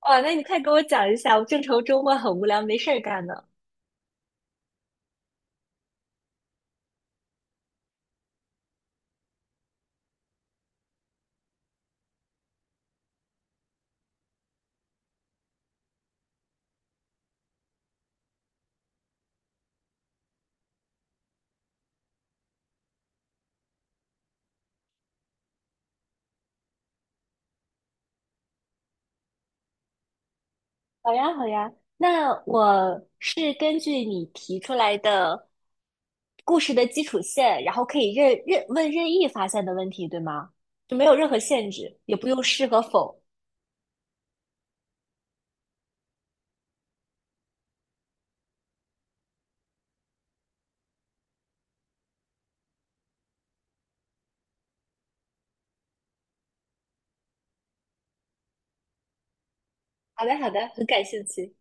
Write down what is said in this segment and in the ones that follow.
哇，那你快给我讲一下，我正愁周末很无聊，没事儿干呢。好呀，好呀，那我是根据你提出来的故事的基础线，然后可以任意发现的问题，对吗？就没有任何限制，也不用是和否。好的，好的，很感兴趣。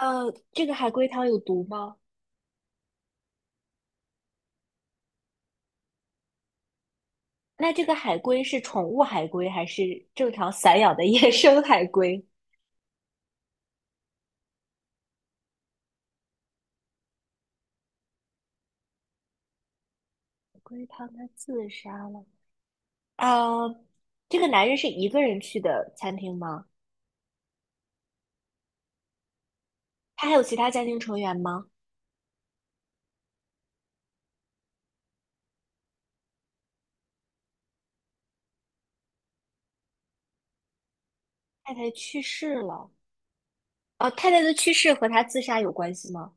呃，这个海龟汤有毒吗？那这个海龟是宠物海龟还是正常散养的 野生海龟？海龟汤它自杀了。呃，这个男人是一个人去的餐厅吗？他还有其他家庭成员吗？太太去世了，太太的去世和他自杀有关系吗？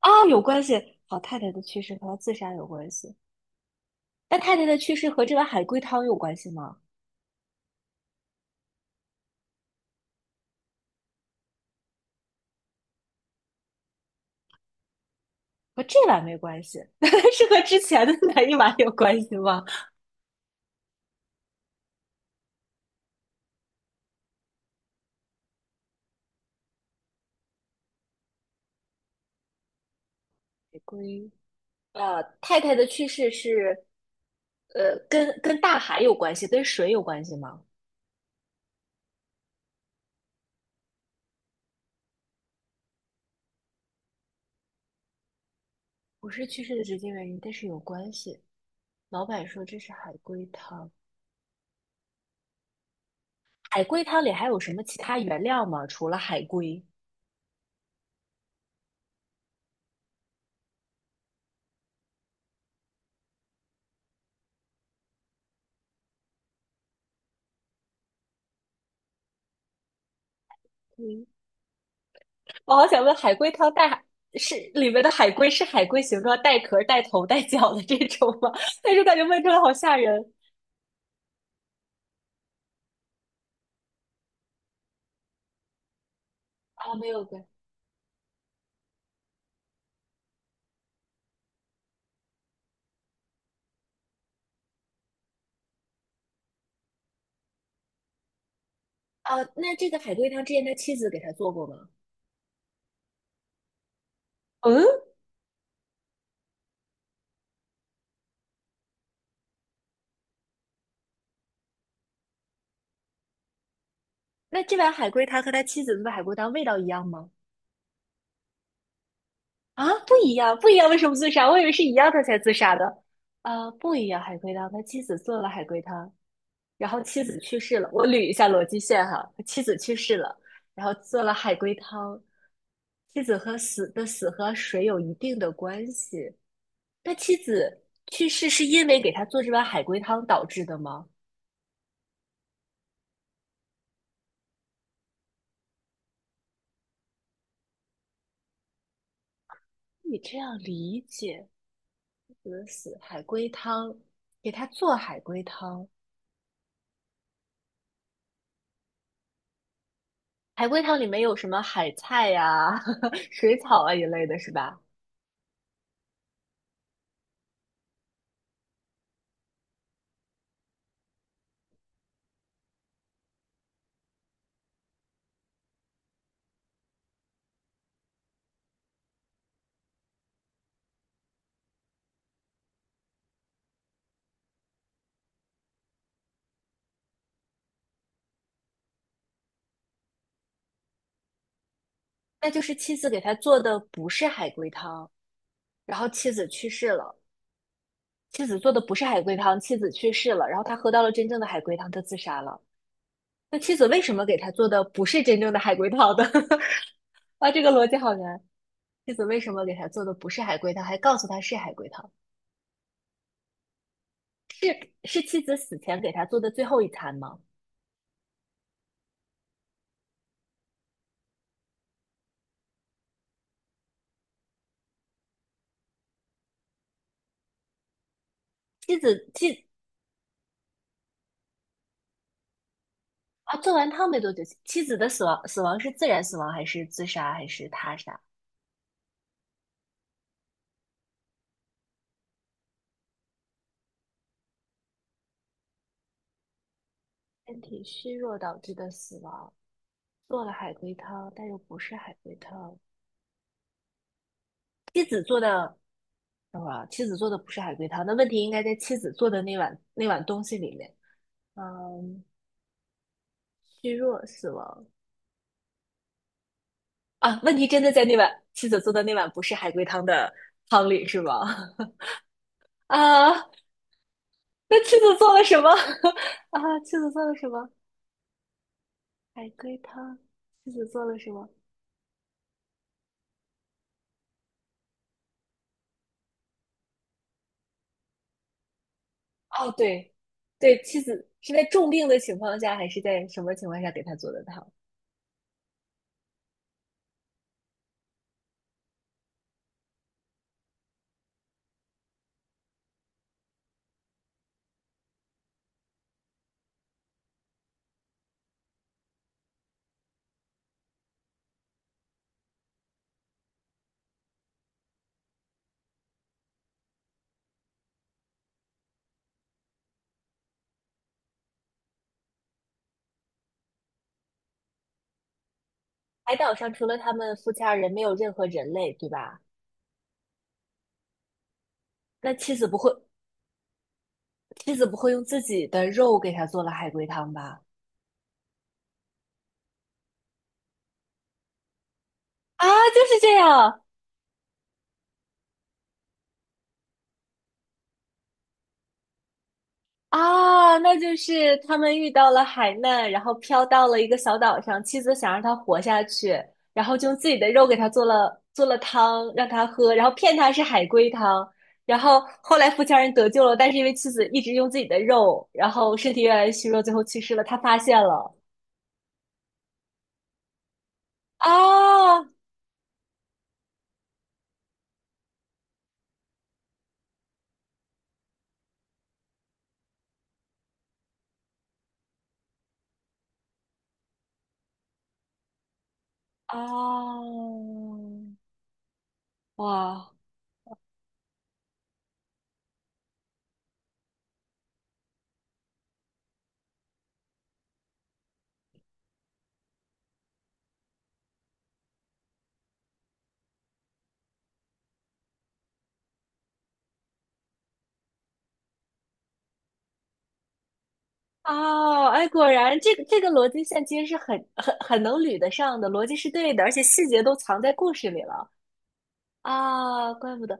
啊、有关系。好，太太的去世和他自杀有关系。那太太的去世和这碗海龟汤有关系吗？和这碗没关系，是和之前的那一碗有关系吗？海龟，太太的去世是，跟大海有关系，跟水有关系吗？不是去世的直接原因，但是有关系。老板说这是海龟汤，海龟汤里还有什么其他原料吗？除了海龟，嗯，我好想问，海龟汤带海是里面的海龟是海龟形状带壳、带头、带脚的这种吗？但是感觉问出来好吓人啊，没有关啊。那这个海龟汤之前他妻子给他做过吗？嗯，那这碗海龟汤和他妻子做的海龟汤味道一样吗？啊，不一样，不一样，为什么自杀？我以为是一样他才自杀的。啊，不一样，海龟汤，他妻子做了海龟汤，然后妻子去世了，我捋一下逻辑线哈，妻子去世了，然后做了海龟汤，妻子和死的死和水有一定的关系，那妻子去世是因为给他做这碗海龟汤导致的吗？你这样理解，死的死海龟汤，给他做海龟汤，海龟汤里面有什么海菜呀、水草啊一类的，是吧？那就是妻子给他做的不是海龟汤，然后妻子去世了。妻子做的不是海龟汤，妻子去世了，然后他喝到了真正的海龟汤，他自杀了。那妻子为什么给他做的不是真正的海龟汤的？啊，这个逻辑好难。妻子为什么给他做的不是海龟汤，还告诉他是海龟汤？是妻子死前给他做的最后一餐吗？妻子妻啊，做完汤没多久，妻子的死亡是自然死亡还是自杀还是他杀？身体虚弱导致的死亡，做了海龟汤，但又不是海龟汤。妻子做的啊，妻子做的不是海龟汤，那问题应该在妻子做的那碗东西里面。嗯，虚弱死亡啊，问题真的在那碗妻子做的那碗不是海龟汤的汤里是吗？啊，那妻子做了什么？啊，妻子做了什么？海龟汤，妻子做了什么？哦，对，对，妻子是在重病的情况下，还是在什么情况下给他做的汤？海岛上除了他们夫妻二人，没有任何人类，对吧？那妻子不会，妻子不会用自己的肉给他做了海龟汤吧？啊，就是这样啊，那就是他们遇到了海难，然后飘到了一个小岛上，妻子想让他活下去，然后就用自己的肉给他做了汤让他喝，然后骗他是海龟汤，然后后来富强人得救了，但是因为妻子一直用自己的肉，然后身体越来越虚弱，最后去世了，他发现了啊啊哇！哦，哎，果然这个这个逻辑线其实是很能捋得上的，逻辑是对的，而且细节都藏在故事里了啊，怪不得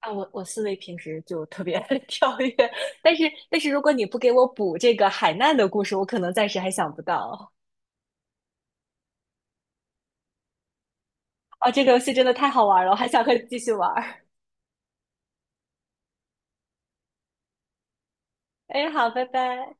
啊，我思维平时就特别 跳跃，但是但是如果你不给我补这个海难的故事，我可能暂时还想不到啊，这个游戏真的太好玩了，我还想和你继续玩儿，哎，好，拜拜。